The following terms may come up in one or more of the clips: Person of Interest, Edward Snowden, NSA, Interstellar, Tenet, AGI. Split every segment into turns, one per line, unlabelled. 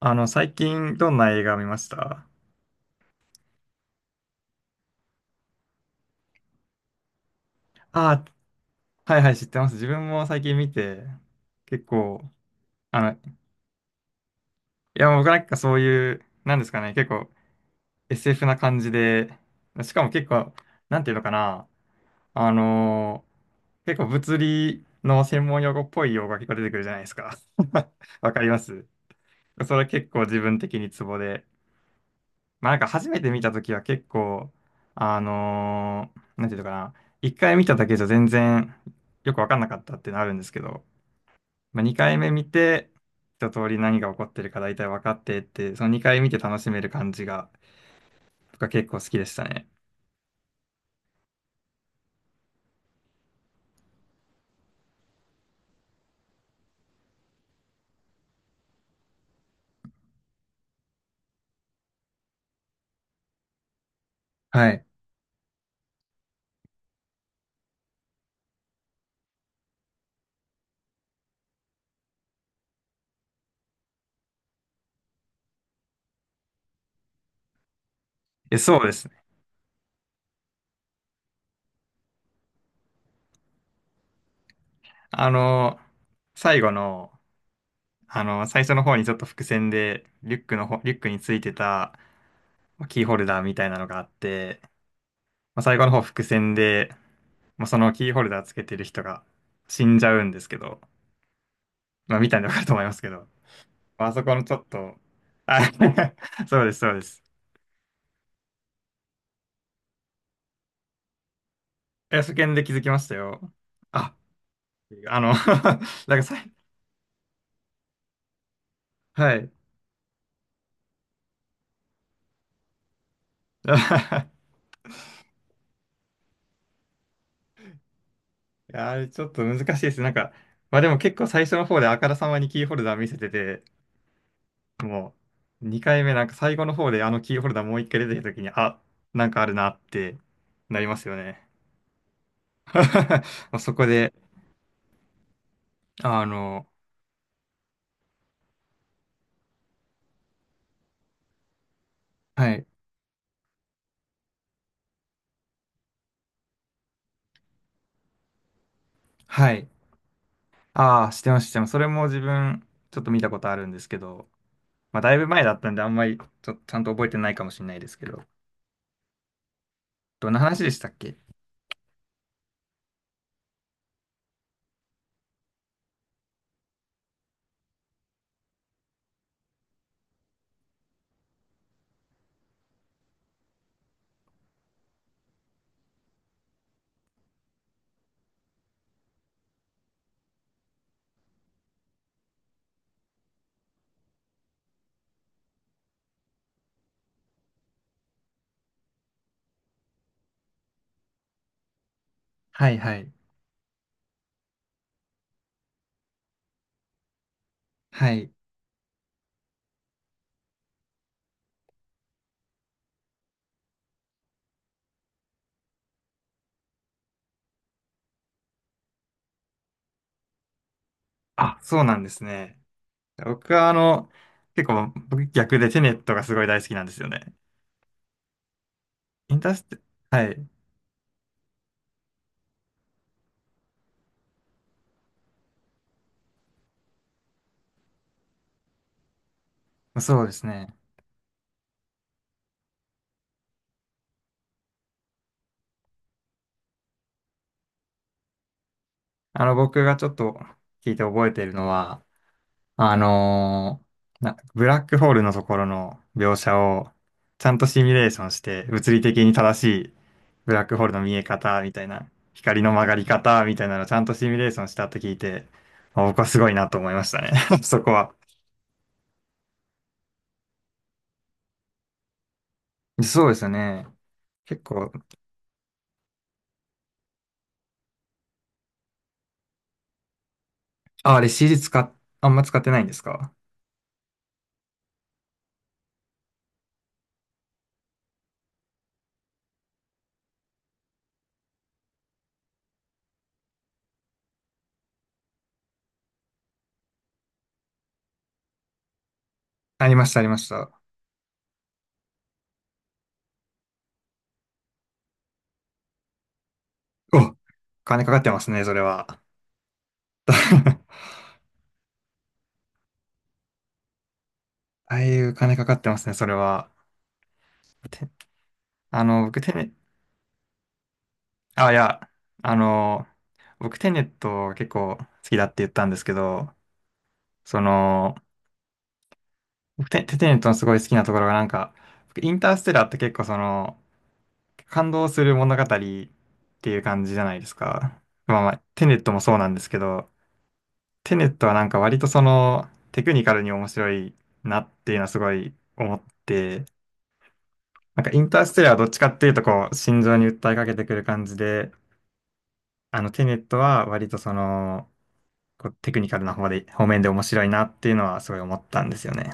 最近どんな映画見ました？ああ、はいはい、知ってます。自分も最近見て、結構、あの、いや、僕なんかそういう、なんですかね、結構 SF な感じで、しかも結構、なんていうのかな、あのー結構物理の専門用語っぽい用語が結構出てくるじゃないですか。わかります。それ結構自分的にツボで、まあなんか初めて見た時は結構、あのなんていうのかな、一回見ただけじゃ全然よくわかんなかったってなるんですけど、まあ、二回目見て、一通り何が起こってるか大体分かってって、その二回見て楽しめる感じが、僕は結構好きでしたね。はい。え、そうですね。あのー最後の、最初の方にちょっと伏線で、リュックについてたまあキーホルダーみたいなのがあって、まあ、最後の方伏線で、まあ、そのキーホルダーつけてる人が死んじゃうんですけど、まあ、見たんでわかると思いますけど、まああそこのちょっと、あ。 そうです、そうです。え、そ見で気づきましたよ。あ、あの なんかさい、はい。いや、あれちょっと難しいです。なんか、まあでも結構最初の方であからさまにキーホルダー見せてて、もう2回目なんか最後の方であのキーホルダーもう1回出てきた時に、あ、なんかあるなってなりますよね。そこで、あの、はいはい。ああ、知ってます、知ってます。それも自分、ちょっと見たことあるんですけど、まあ、だいぶ前だったんで、あんまりちょ、ちゃんと覚えてないかもしれないですけど、どんな話でしたっけ？はい、はい、はい。あ、そうなんですね。僕は、結構、僕逆でテネットがすごい大好きなんですよね。インターステ、はい。そうですね。あの、僕がちょっと聞いて覚えているのは、あのーな、ブラックホールのところの描写をちゃんとシミュレーションして物理的に正しいブラックホールの見え方みたいな光の曲がり方みたいなのをちゃんとシミュレーションしたって聞いて、あ、僕はすごいなと思いましたね。 そこは。そうですよね。結構、あ、あれ CG 使っ、あんま使ってないんですか？ありました、ありました。お、金かかってますね、それは。ああいう金かかってますね、それは。てあの、僕、テネ、あ、いや、あの、僕テネット結構好きだって言ったんですけど、その、テネットのすごい好きなところがなんか、僕インターステラーって結構その、感動する物語っていう感じじゃないですか。まあまあ、テネットもそうなんですけど、テネットはなんか割とその、テクニカルに面白いなっていうのはすごい思って、なんかインターステラーはどっちかっていうとこう、心情に訴えかけてくる感じで、あのテネットは割とその、こうテクニカルな方面で面白いなっていうのはすごい思ったんですよね。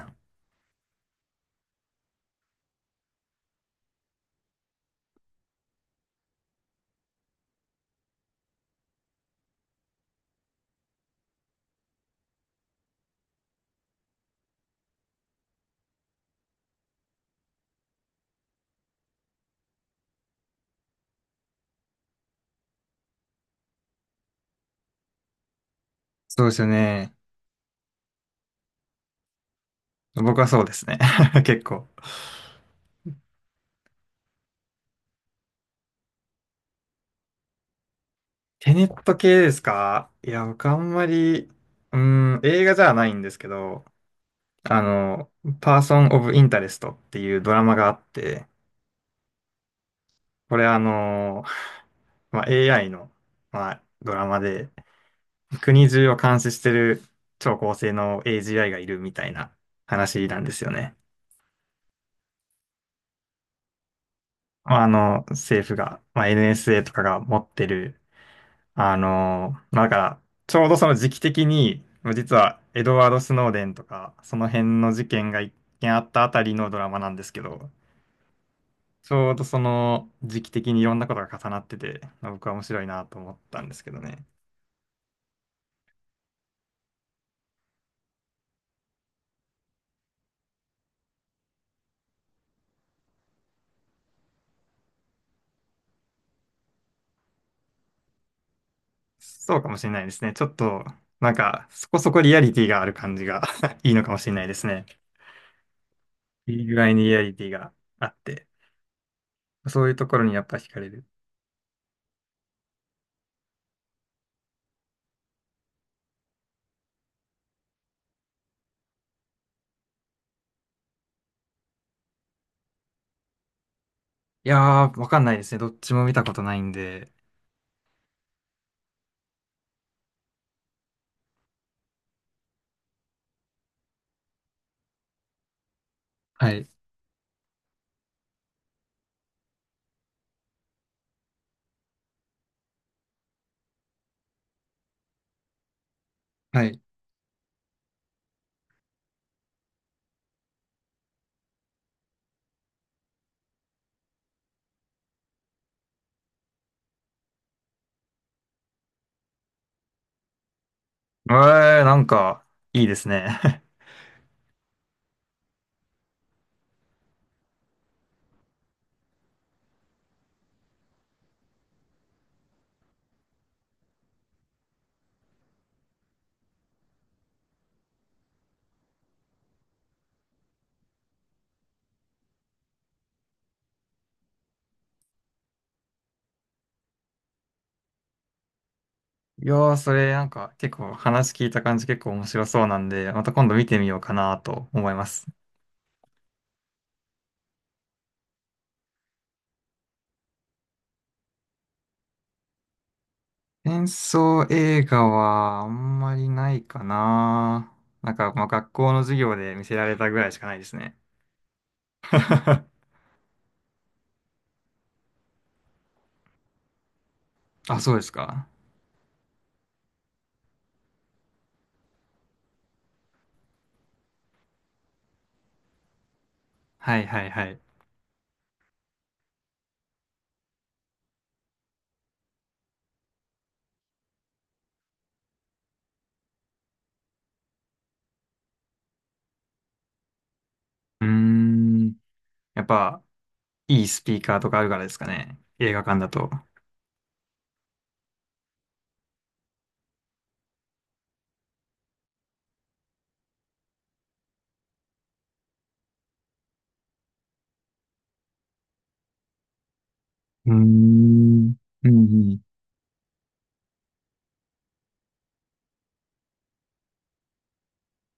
そうですよね。僕はそうですね。結構。テネット系ですか？いや、僕あんまり、うーん、映画じゃないんですけど、あの、パーソン・オブ・インタレストっていうドラマがあって、これあの、まあ、AI の、まあ、ドラマで、国中を監視してる超高性能 AGI がいるみたいな話なんですよね。まあ、あの、政府が、まあ、NSA とかが持ってる、あの、まあ、だから、ちょうどその時期的に、実はエドワード・スノーデンとか、その辺の事件が一件あったあたりのドラマなんですけど、ちょうどその時期的にいろんなことが重なってて、まあ僕は面白いなと思ったんですけどね。そうかもしれないですね。ちょっと、なんか、そこそこリアリティがある感じが いいのかもしれないですね。いい具合にリアリティがあって、そういうところにやっぱ惹かれる。いやー、わかんないですね。どっちも見たことないんで。はい。はい。えー、なんか、いいですね。いやー、それ、なんか、結構話聞いた感じ結構面白そうなんで、また今度見てみようかなと思います。戦争映画はあんまりないかな。なんか、まあ、学校の授業で見せられたぐらいしかないですね。あ、そうですか。はいはいはい。うーん。やっぱ、いいスピーカーとかあるからですかね。映画館だと。うーん。うん、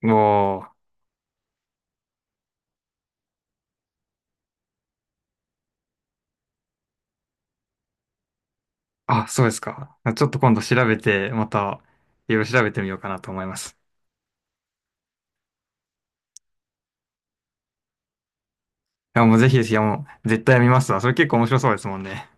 うん。おー。あ、そうですか。ちょっと今度調べて、また、いろいろ調べてみようかなと思います。いや、もうぜひです。いや、もう、絶対見ますわ。それ結構面白そうですもんね。